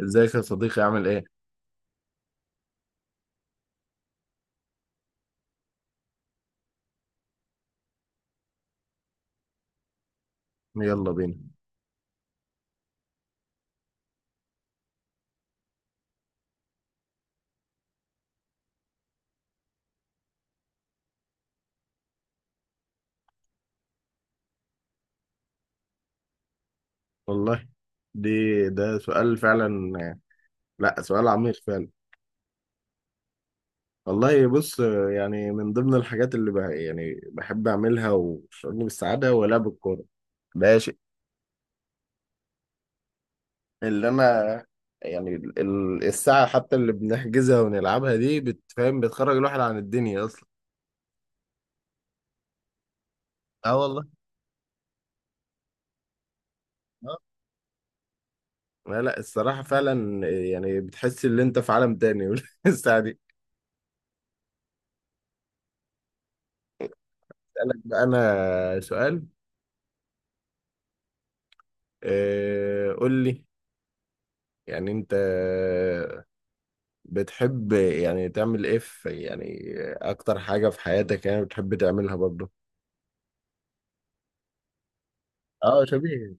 ازيك يا صديقي عامل ايه؟ يلا بينا. والله دي ده سؤال فعلا. لا سؤال عميق فعلا. والله بص، يعني من ضمن الحاجات اللي يعني بحب اعملها وبتشعرني بالسعادة هو لعب الكورة. ده شيء اللي انا، يعني الساعة حتى اللي بنحجزها ونلعبها دي بتفهم، بتخرج الواحد عن الدنيا اصلا. اه والله. اه لا لا الصراحة فعلا، يعني بتحس ان انت في عالم تاني. الساعة دي. اسألك بقى انا سؤال. قول لي. يعني انت بتحب يعني تعمل ايه في، يعني اكتر حاجة في حياتك يعني بتحب تعملها برضه. اه شبيه.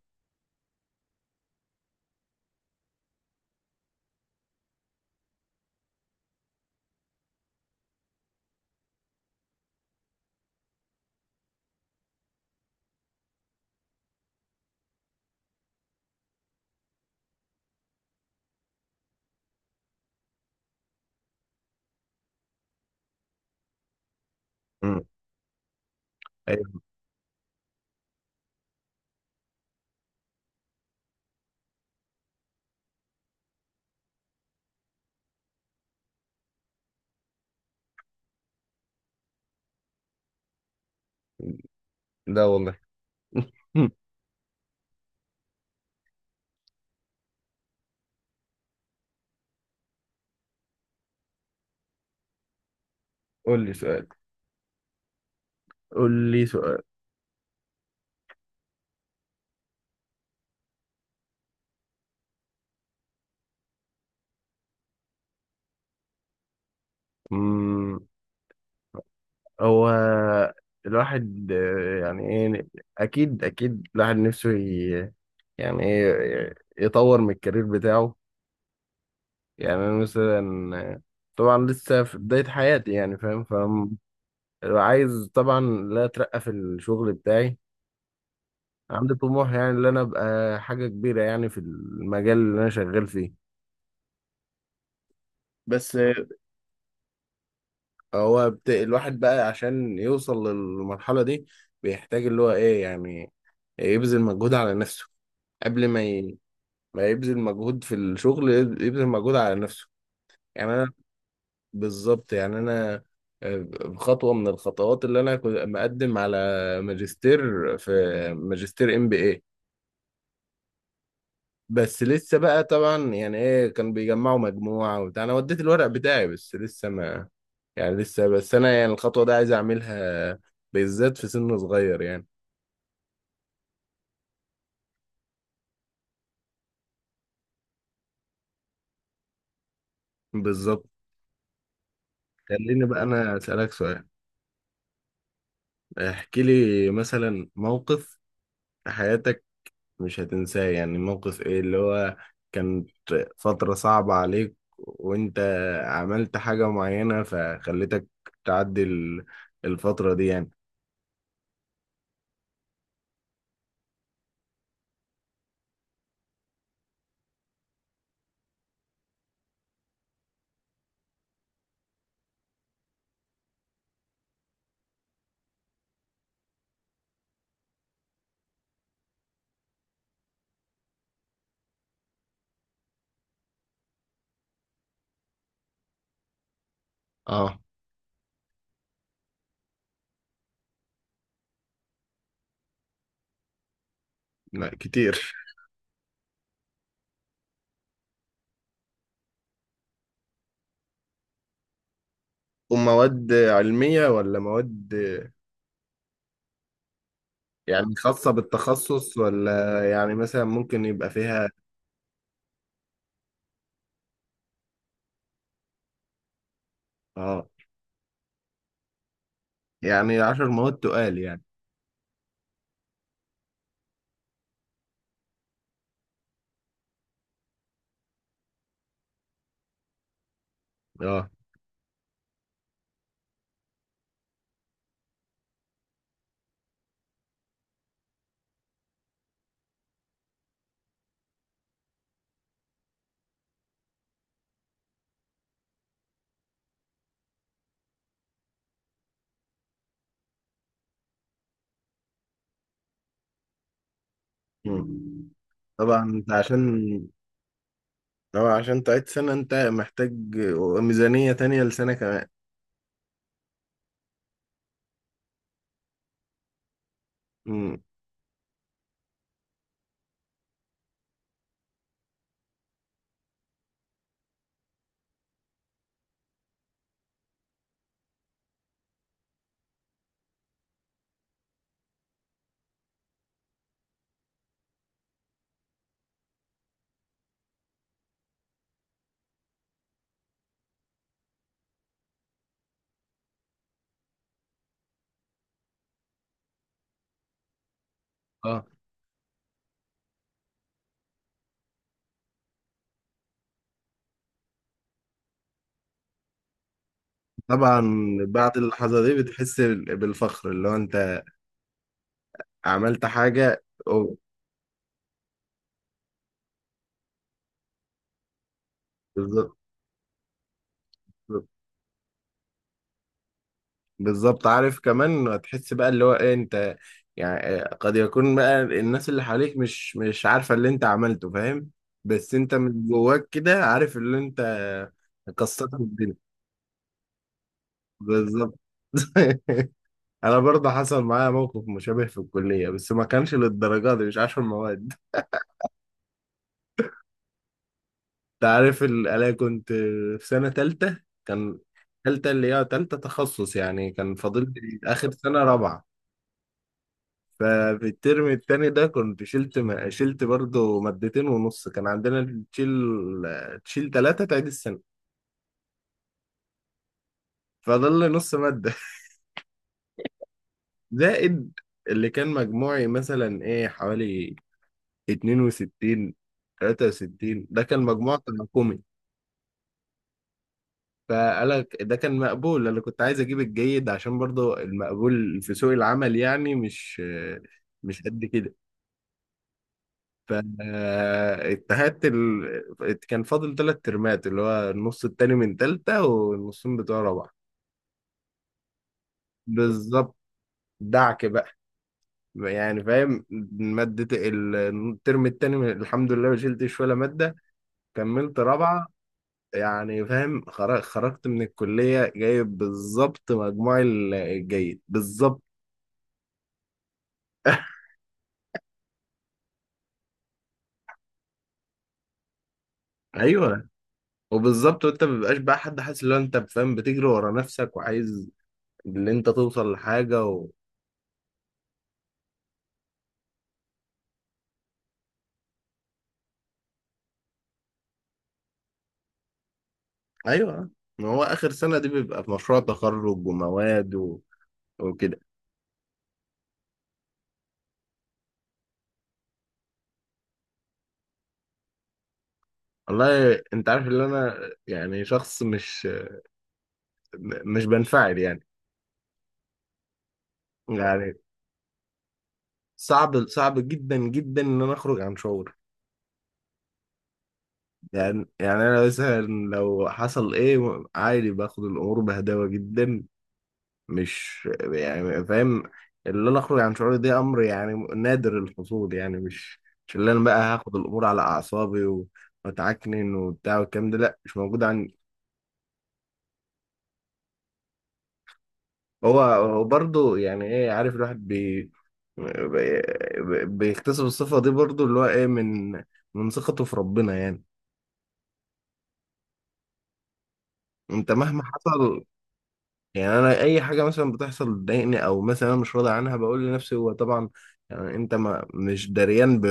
امم. ايوه. لا والله. قول لي سؤال، قول لي سؤال. امم. هو الواحد يعني ايه، اكيد اكيد الواحد نفسه يعني ايه يطور من الكارير بتاعه. يعني انا مثلا طبعا لسه في بداية حياتي يعني فاهم. عايز طبعا لا اترقى في الشغل بتاعي. عندي طموح يعني ان انا ابقى حاجه كبيره يعني في المجال اللي انا شغال فيه. بس هو الواحد بقى عشان يوصل للمرحله دي بيحتاج اللي هو ايه يعني يبذل مجهود على نفسه. قبل ما ي... ما يبذل مجهود في الشغل، يبذل مجهود على نفسه. يعني انا، بالظبط يعني انا آه، خطوه من الخطوات اللي انا كنت مقدم على ماجستير في، ماجستير ام بي اي، بس لسه بقى طبعا يعني ايه كان بيجمعوا مجموعة وبتاع، انا وديت الورق بتاعي بس لسه ما، يعني لسه بس انا يعني الخطوة دي عايز اعملها، بالذات في سن صغير يعني. بالظبط. خليني بقى انا اسألك سؤال. احكي لي مثلا موقف في حياتك مش هتنساه، يعني موقف ايه اللي هو كانت فترة صعبة عليك وانت عملت حاجة معينة فخلتك تعدي الفترة دي يعني. اه لا كتير. ومواد علمية ولا مواد يعني خاصة بالتخصص، ولا يعني مثلا ممكن يبقى فيها. اه يعني عشر مواد تقال يعني. اه. مم. طبعا انت عشان، طبعا عشان تعيد سنة انت محتاج ميزانية تانية لسنة كمان. مم. اه طبعا. بعد اللحظة دي بتحس بالفخر اللي هو انت عملت حاجة أوه. بالظبط. بالظبط، عارف كمان هتحس بقى اللي هو ايه انت يعني قد يكون بقى الناس اللي حواليك مش عارفة اللي انت عملته فاهم، بس انت من جواك كده عارف اللي انت كسرت الدنيا. بالظبط. انا برضه حصل معايا موقف مشابه في الكلية، بس ما كانش للدرجة دي، مش عشر مواد. انت عارف انا كنت في سنة تالتة، كان تالتة اللي هي تالتة تخصص يعني، كان فاضل لي اخر سنة رابعة. ففي الترم التاني ده كنت شلت شلت برضه مادتين ونص. كان عندنا تشيل، تشيل تلاتة تعيد السنة. فضل لي نص مادة زائد اللي كان مجموعي مثلا ايه حوالي اتنين وستين، تلاتة وستين، ده كان مجموع تراكمي. فقالك ده كان مقبول. انا كنت عايز اجيب الجيد عشان برضه المقبول في سوق العمل يعني مش مش قد كده. فاتهدت كان فاضل ثلاث ترمات اللي هو النص التاني من تالتة والنصين بتوع رابعة. بالظبط. دعك بقى، يعني فاهم. مادة الترم التاني الحمد لله ما شلتش ولا مادة، كملت رابعة. يعني فاهم، خرجت من الكلية جايب بالظبط مجموع الجيد بالظبط. ايوه. وبالظبط، وانت ما بيبقاش بقى حد حاسس ان هو انت فاهم، بتجري ورا نفسك وعايز اللي انت توصل لحاجه. ايوه، ما هو اخر سنه دي بيبقى في مشروع تخرج ومواد و... وكده. والله انت عارف ان انا يعني شخص مش مش بنفعل يعني. يعني صعب صعب جدا جدا ان انا اخرج عن شعور. يعني يعني انا مثلا لو حصل ايه عادي، باخد الامور بهداوه جدا، مش يعني فاهم اللي انا اخرج عن شعوري ده امر يعني نادر الحصول يعني. مش مش اللي انا بقى هاخد الامور على اعصابي و... واتعكنن وبتاع والكلام ده، لا مش موجود. هو هو برضه يعني ايه عارف الواحد بيكتسب الصفة دي برضه اللي هو ايه من من ثقته في ربنا يعني. انت مهما حصل، يعني انا اي حاجة مثلا بتحصل تضايقني او مثلا انا مش راضي عنها، بقول لنفسي هو طبعا يعني انت ما مش دريان ب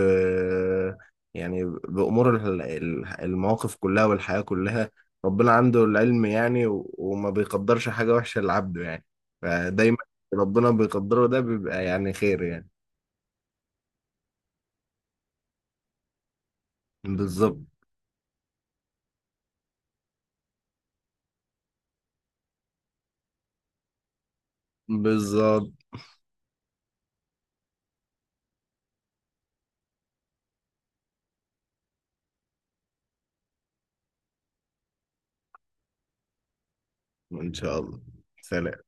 يعني بأمور المواقف كلها والحياة كلها، ربنا عنده العلم يعني وما بيقدرش حاجة وحشة لعبده يعني. فدايما ربنا بيقدره ده بيبقى يعني خير يعني. بالظبط. بالظبط. ان شاء الله. سلام.